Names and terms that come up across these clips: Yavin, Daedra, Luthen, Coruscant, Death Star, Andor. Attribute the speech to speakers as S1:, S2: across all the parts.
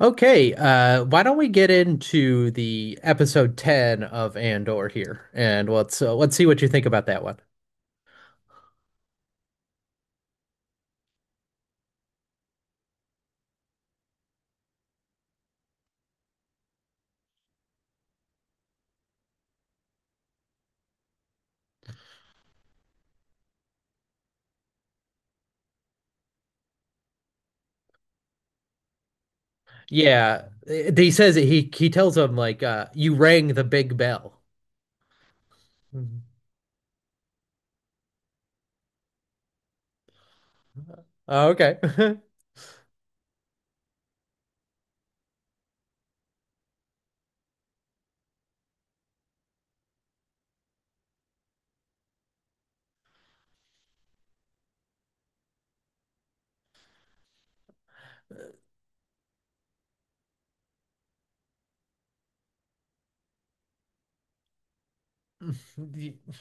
S1: Okay, why don't we get into the episode 10 of Andor here, and let's see what you think about that one. Yeah, he says that he tells him like you rang the big bell. Mhm. Oh, okay.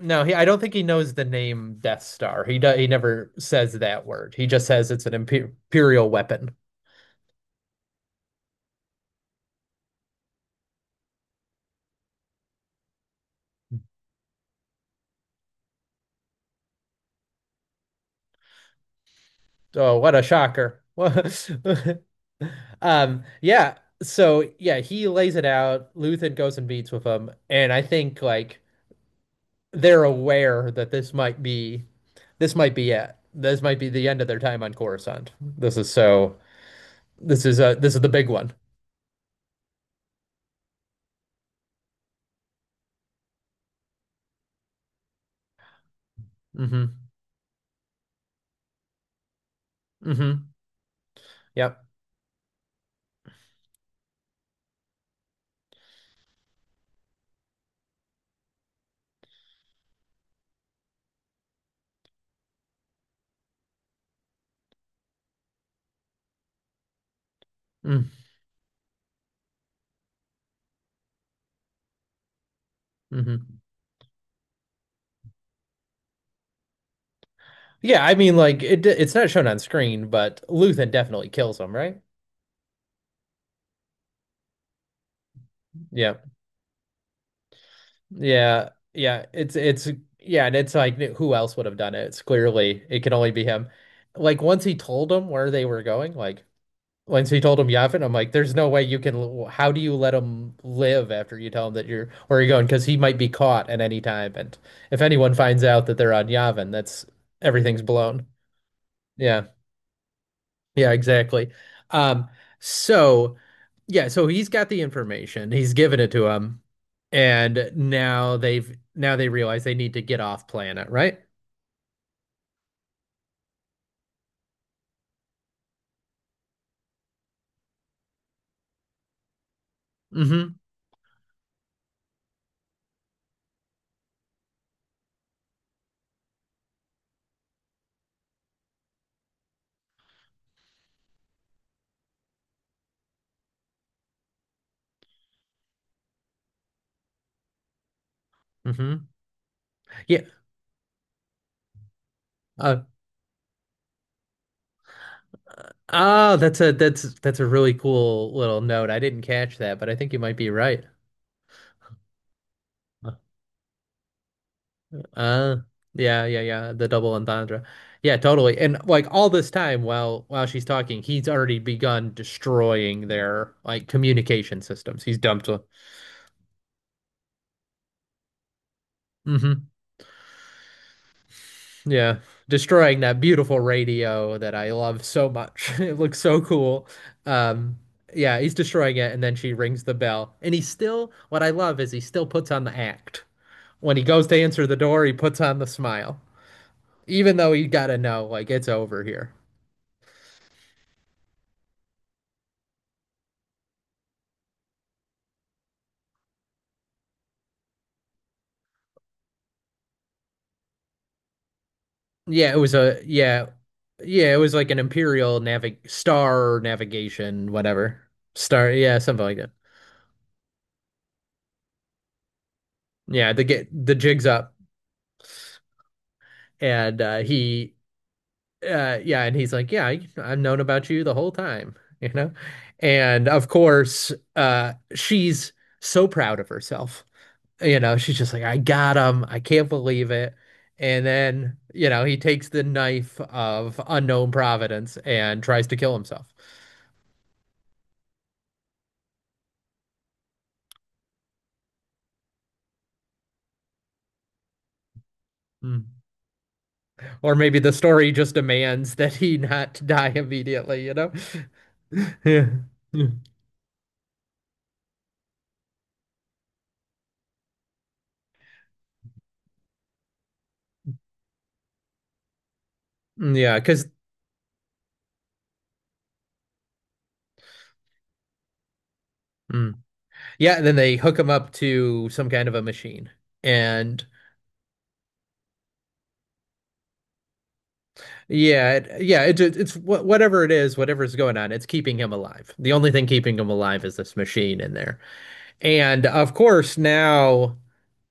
S1: No, he, I don't think he knows the name Death Star. He never says that word. He just says it's an imperial weapon. Oh, what a shocker. Yeah. So yeah, he lays it out. Luthen goes and meets with him, and I think like they're aware that this might be it. This might be the end of their time on Coruscant. This is so. This is a. This is the big one. Mm-hmm. Mm-hmm. Yep. Mm-hmm. Mm-hmm. Yeah, I mean, it's not shown on screen, but Luthen definitely kills him, right? Yeah, yeah, yeah. It's yeah, and it's like who else would have done it? It's clearly it can only be him. Like once he told him where they were going, like once he told him Yavin, I'm like, there's no way you can. How do you let him live after you tell him that you're where you're going? Because he might be caught at any time, and if anyone finds out that they're on Yavin, that's everything's blown. Yeah. Yeah, exactly. Um, so yeah, so he's got the information. He's given it to him, and now they realize they need to get off planet, right? Mm-hmm. Mm-hmm. Yeah. Uh, that's a that's a really cool little note. I didn't catch that, but I think you might be right. Uh, yeah, yeah, yeah. The double entendre. Yeah, totally. And like all this time while she's talking, he's already begun destroying their like communication systems. He's dumped hmm. Yeah. Destroying that beautiful radio that I love so much. It looks so cool. Um, yeah, he's destroying it, and then she rings the bell. And he still, what I love is he still puts on the act. When he goes to answer the door, he puts on the smile. Even though he gotta know, like, it's over here. Yeah, yeah, it was like an Imperial navig star navigation, whatever. Star, yeah, something like that. Yeah, the get the jig's up, and he. Yeah, and he's like yeah I've known about you the whole time, you know, and of course she's so proud of herself, you know, she's just like I got him, I can't believe it. And then, you know, he takes the knife of unknown providence and tries to kill himself. Hmm. Or maybe the story just demands that he not die immediately, you know. Yeah, yeah, because yeah, mm. Yeah, and then they hook him up to some kind of a machine, and yeah, it, yeah, it, ju- it's wha- whatever it is, whatever's going on, it's keeping him alive. The only thing keeping him alive is this machine in there. And of course,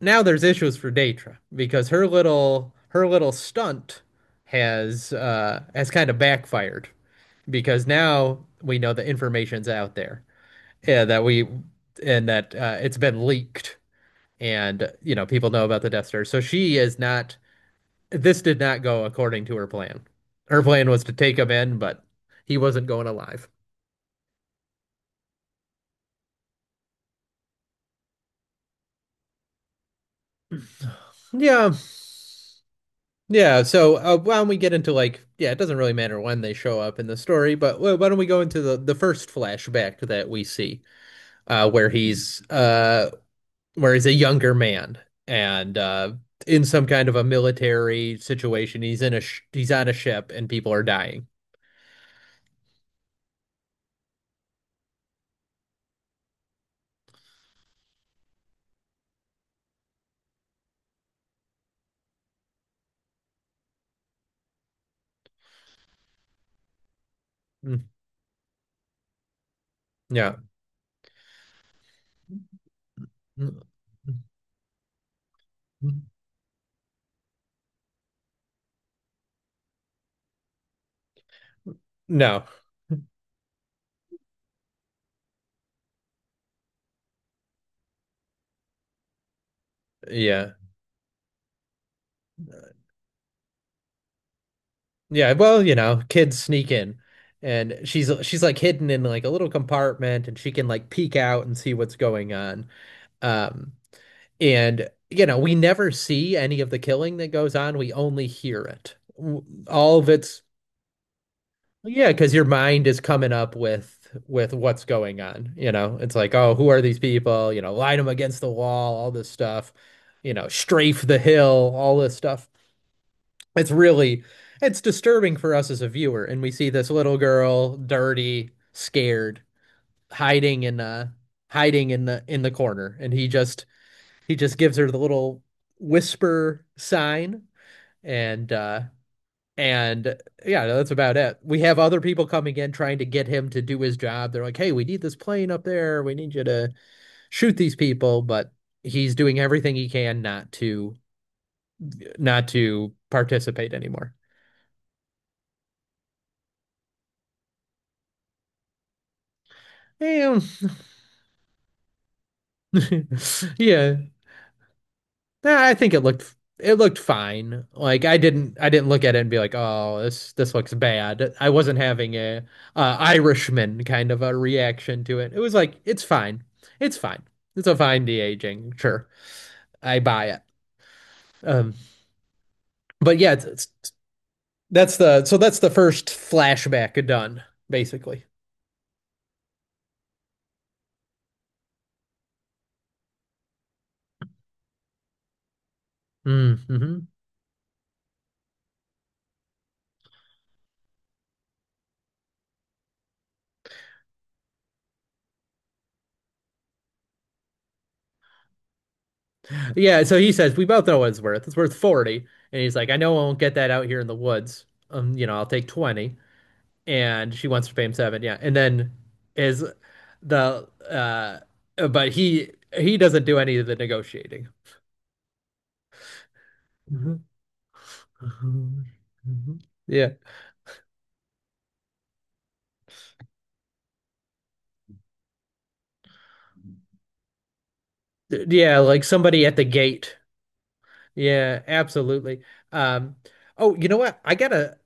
S1: now there's issues for Daedra because her little stunt has kind of backfired because now we know the information's out there. Yeah, that we that it's been leaked, and you know people know about the Death Star. So she is not, this did not go according to her plan. Her plan was to take him in, but he wasn't going alive. Yeah, yeah. Why don't we get into like, yeah, it doesn't really matter when they show up in the story, but why don't we go into the first flashback that we see, uh, where he's uh where he's a younger man and in some kind of a military situation. He's in a sh he's on a ship and people are dying. Mm, yeah. Mm, mm, no. Yeah. Yeah, well, you know, kids sneak in, and she's like hidden in like a little compartment and she can like peek out and see what's going on. Um, and you know, we never see any of the killing that goes on. We only hear it. All of it's yeah, because your mind is coming up with what's going on, you know. It's like, "Oh, who are these people?" You know, line them against the wall, all this stuff. You know, strafe the hill, all this stuff. It's really it's disturbing for us as a viewer, and we see this little girl, dirty, scared, hiding in uh hiding in the corner, and he just gives her the little whisper sign, and uh and yeah, that's about it. We have other people coming in trying to get him to do his job. They're like, "Hey, we need this plane up there. We need you to shoot these people," but he's doing everything he can not to participate anymore. Yeah, yeah. Nah, I think it looked, it looked fine. Like I didn't look at it and be like, "Oh, this looks bad." I wasn't having a Irishman kind of a reaction to it. It was like, "It's fine. It's fine. It's a fine de-aging. Sure. I buy it." Um, but yeah, it's that's the, so that's the first flashback done, basically. Mm-hmm. Yeah, so he says, "We both know what it's worth. It's worth 40." And he's like, "I know I won't get that out here in the woods. You know, I'll take 20." And she wants to pay him 7. Yeah, and then is the but he doesn't do any of the negotiating. Mhm, mhm, mhm. Yeah, yeah, like somebody at the gate. Yeah, absolutely. Um, oh, you know what?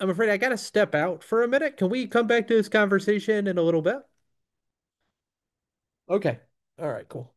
S1: I'm afraid I gotta step out for a minute. Can we come back to this conversation in a little bit? Okay. All right, cool.